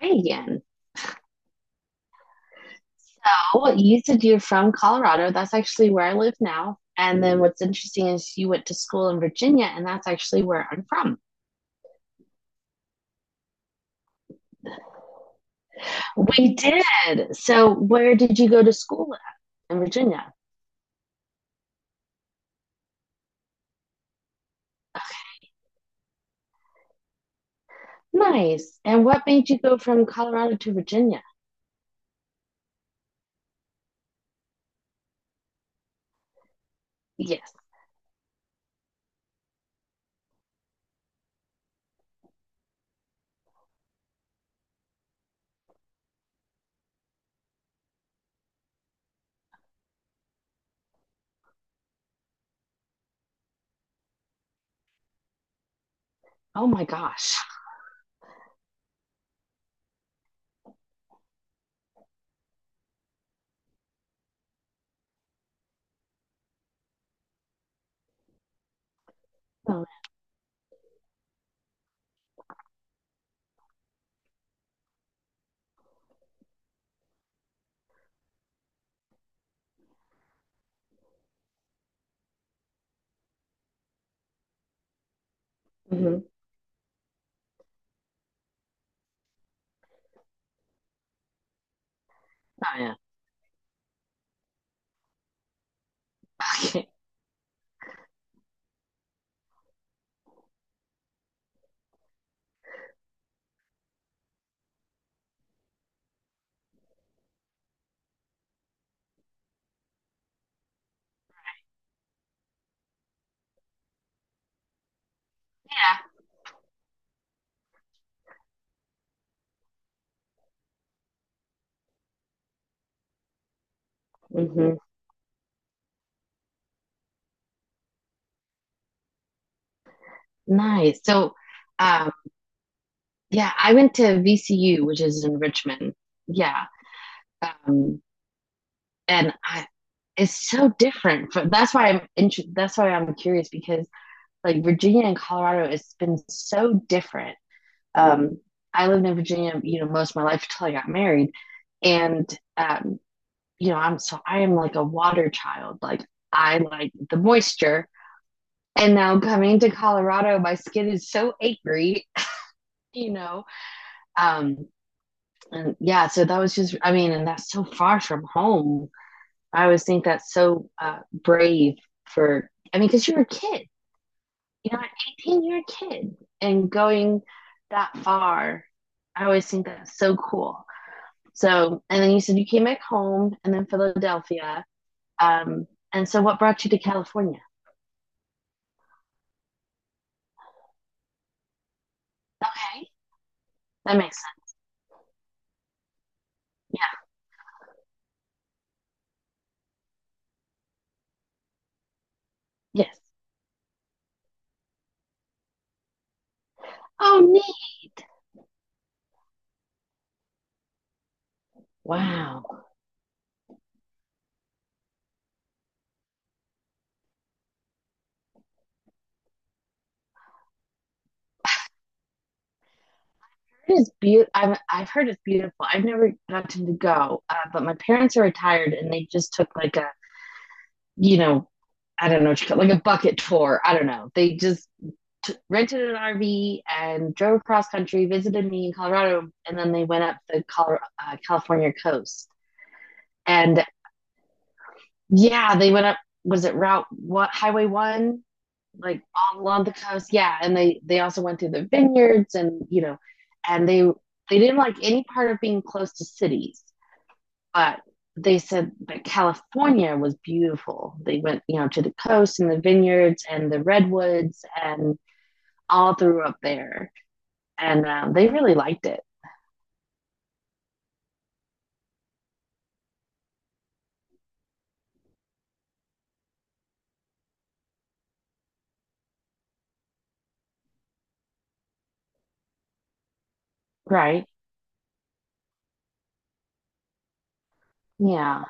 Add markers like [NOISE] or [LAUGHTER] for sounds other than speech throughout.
Hi again. Oh, you said you're from Colorado. That's actually where I live now. And then what's interesting is you went to school in Virginia, and that's actually where I'm from. We did. So, where did you go to school at? In Virginia? Nice. And what made you go from Colorado to Virginia? Yes. Oh my gosh. Oh, hmm. Oh yeah. Okay. Yeah. Hmm. Nice. So, um, yeah, I went to VCU, which is in Richmond. Yeah. Um, and I, it's so different. That's why that's why I'm curious because like Virginia and Colorado, it's been so different. Um, I lived in Virginia, you know, most of my life until I got married, and um, you know, I am like a water child. Like I like the moisture, and now coming to Colorado, my skin is so angry, [LAUGHS] you know. Um, and yeah, so that was just I mean, and that's so far from home. I always think that's so brave for, I mean, because you're a kid, you know, at 18, you're a kid and going that far, I always think that's so cool. So, and then you said you came back home and then Philadelphia. Um, and so what brought you to California? Okay. That makes sense. Yeah. Yes. Oh, neat. Wow. It is beautiful. I've heard it's beautiful. I've never gotten to go, but my parents are retired and they just took like a, you know, I don't know what you call it, like a bucket tour. I don't know. They just rented an RV and drove across country, visited me in Colorado, and then they went up the California coast. And yeah, they went up. Was it Route What Highway One? Like all along the coast. Yeah, and they also went through the vineyards and you know, and they didn't like any part of being close to cities, but they said that California was beautiful. They went, you know, to the coast and the vineyards and the redwoods and all through up there, and they really liked it. Right. Yeah.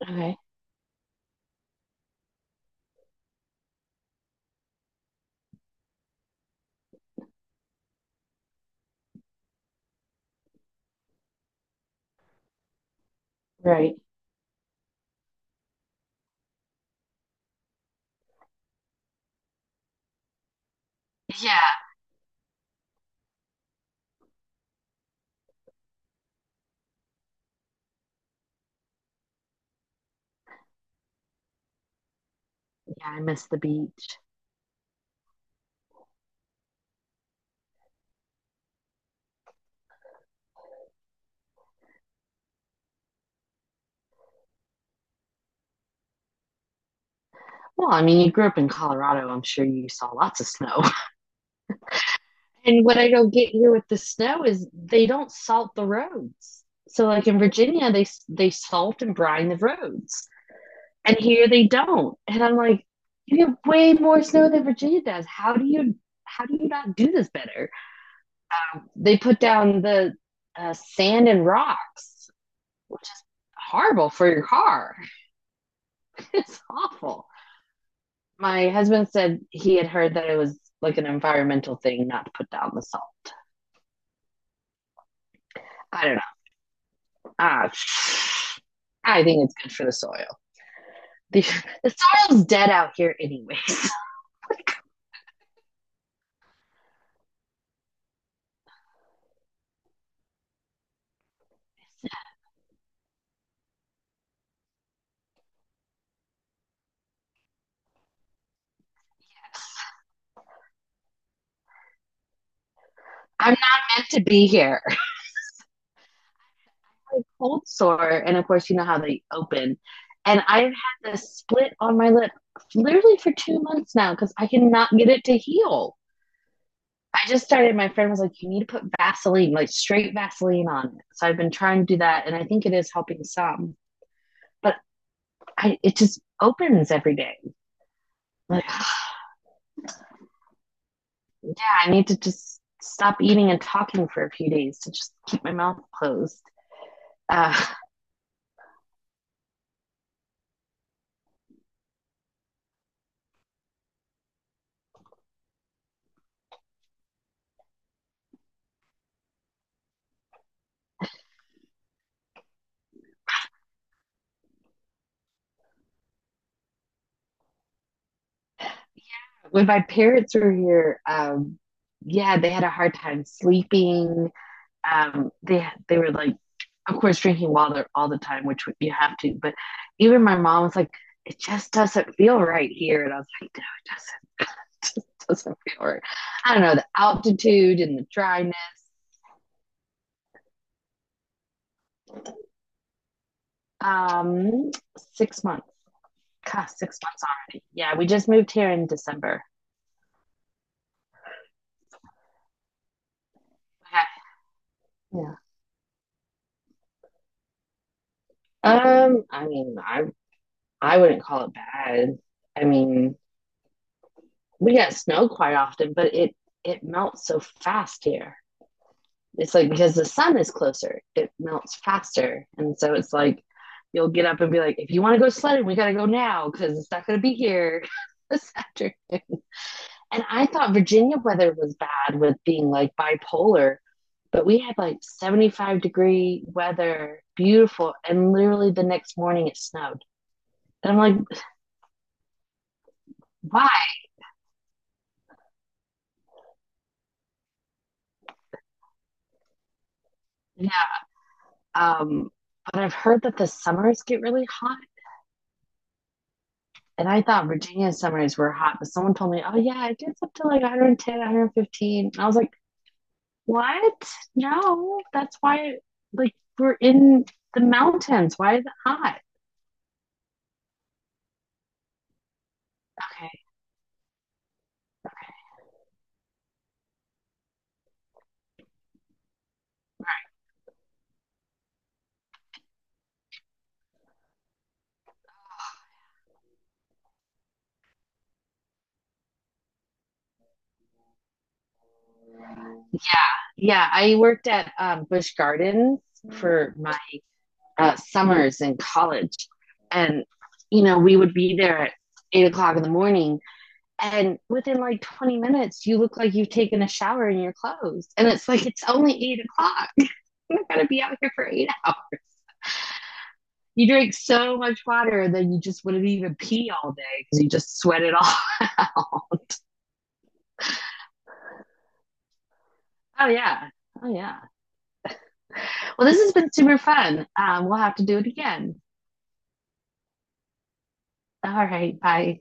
Okay. Right. Yeah. Yeah. I miss the beach. Well, I mean, you grew up in Colorado. I'm sure you saw lots of snow. [LAUGHS] And what I don't get here with the snow is they don't salt the roads. So, like in Virginia, they salt and brine the roads. And here they don't. And I'm like, you get way more snow than Virginia does. How do you not do this better? They put down the sand and rocks, which is horrible for your car. [LAUGHS] It's awful. My husband said he had heard that it was like an environmental thing not to put down the salt. I don't know. Ah, I think it's good for the soil. [LAUGHS] The, the soil's dead out here, anyways. [LAUGHS] I'm not meant to be here. Like cold sore. And of course, you know how they open. And I've had this split on my lip literally for 2 months now because I cannot get it to heal. I just started, my friend was like, you need to put Vaseline, like straight Vaseline on it. So I've been trying to do that. And I think it is helping some, but it just opens every day. Like, yeah, I need to just stop eating and talking for a few days to just keep my mouth closed. Uh, [LAUGHS] when my parents were here, yeah, they had a hard time sleeping, they were like, of course, drinking water all the time, which you have to. But even my mom was like, it just doesn't feel right here, and I was like, no, it doesn't. [LAUGHS] It doesn't feel right. I don't know, the altitude and the dryness. Um, 6 months. God, 6 months already. Yeah, we just moved here in December. Yeah. Um, I mean, I I wouldn't call it bad. I mean, we get snow quite often, but it melts so fast here. It's like because the sun is closer, it melts faster. And so it's like you'll get up and be like, if you want to go sledding, we got to go now because it's not going to be here [LAUGHS] this afternoon. And I thought Virginia weather was bad with being like bipolar, but we had like 75-degree weather, beautiful. And literally the next morning it snowed. And I'm like, why? Yeah. Um, but I've heard that the summers get really hot. And I thought Virginia summers were hot, but someone told me, oh, yeah, it gets up to like 110, 115. I was like, what? No, that's why, like, we're in the mountains. Why is it hot? Okay. Okay. Yeah, I worked at Busch Gardens for my summers in college. And, you know, we would be there at 8 o'clock in the morning. And within like 20 minutes, you look like you've taken a shower in your clothes. And it's like, it's only 8 o'clock. I'm not gonna be out here for 8 hours. You drink so much water, then you just wouldn't even pee all day because you just sweat it all out. [LAUGHS] Oh yeah, oh yeah. Well, this has been super fun. We'll have to do it again. All right, bye.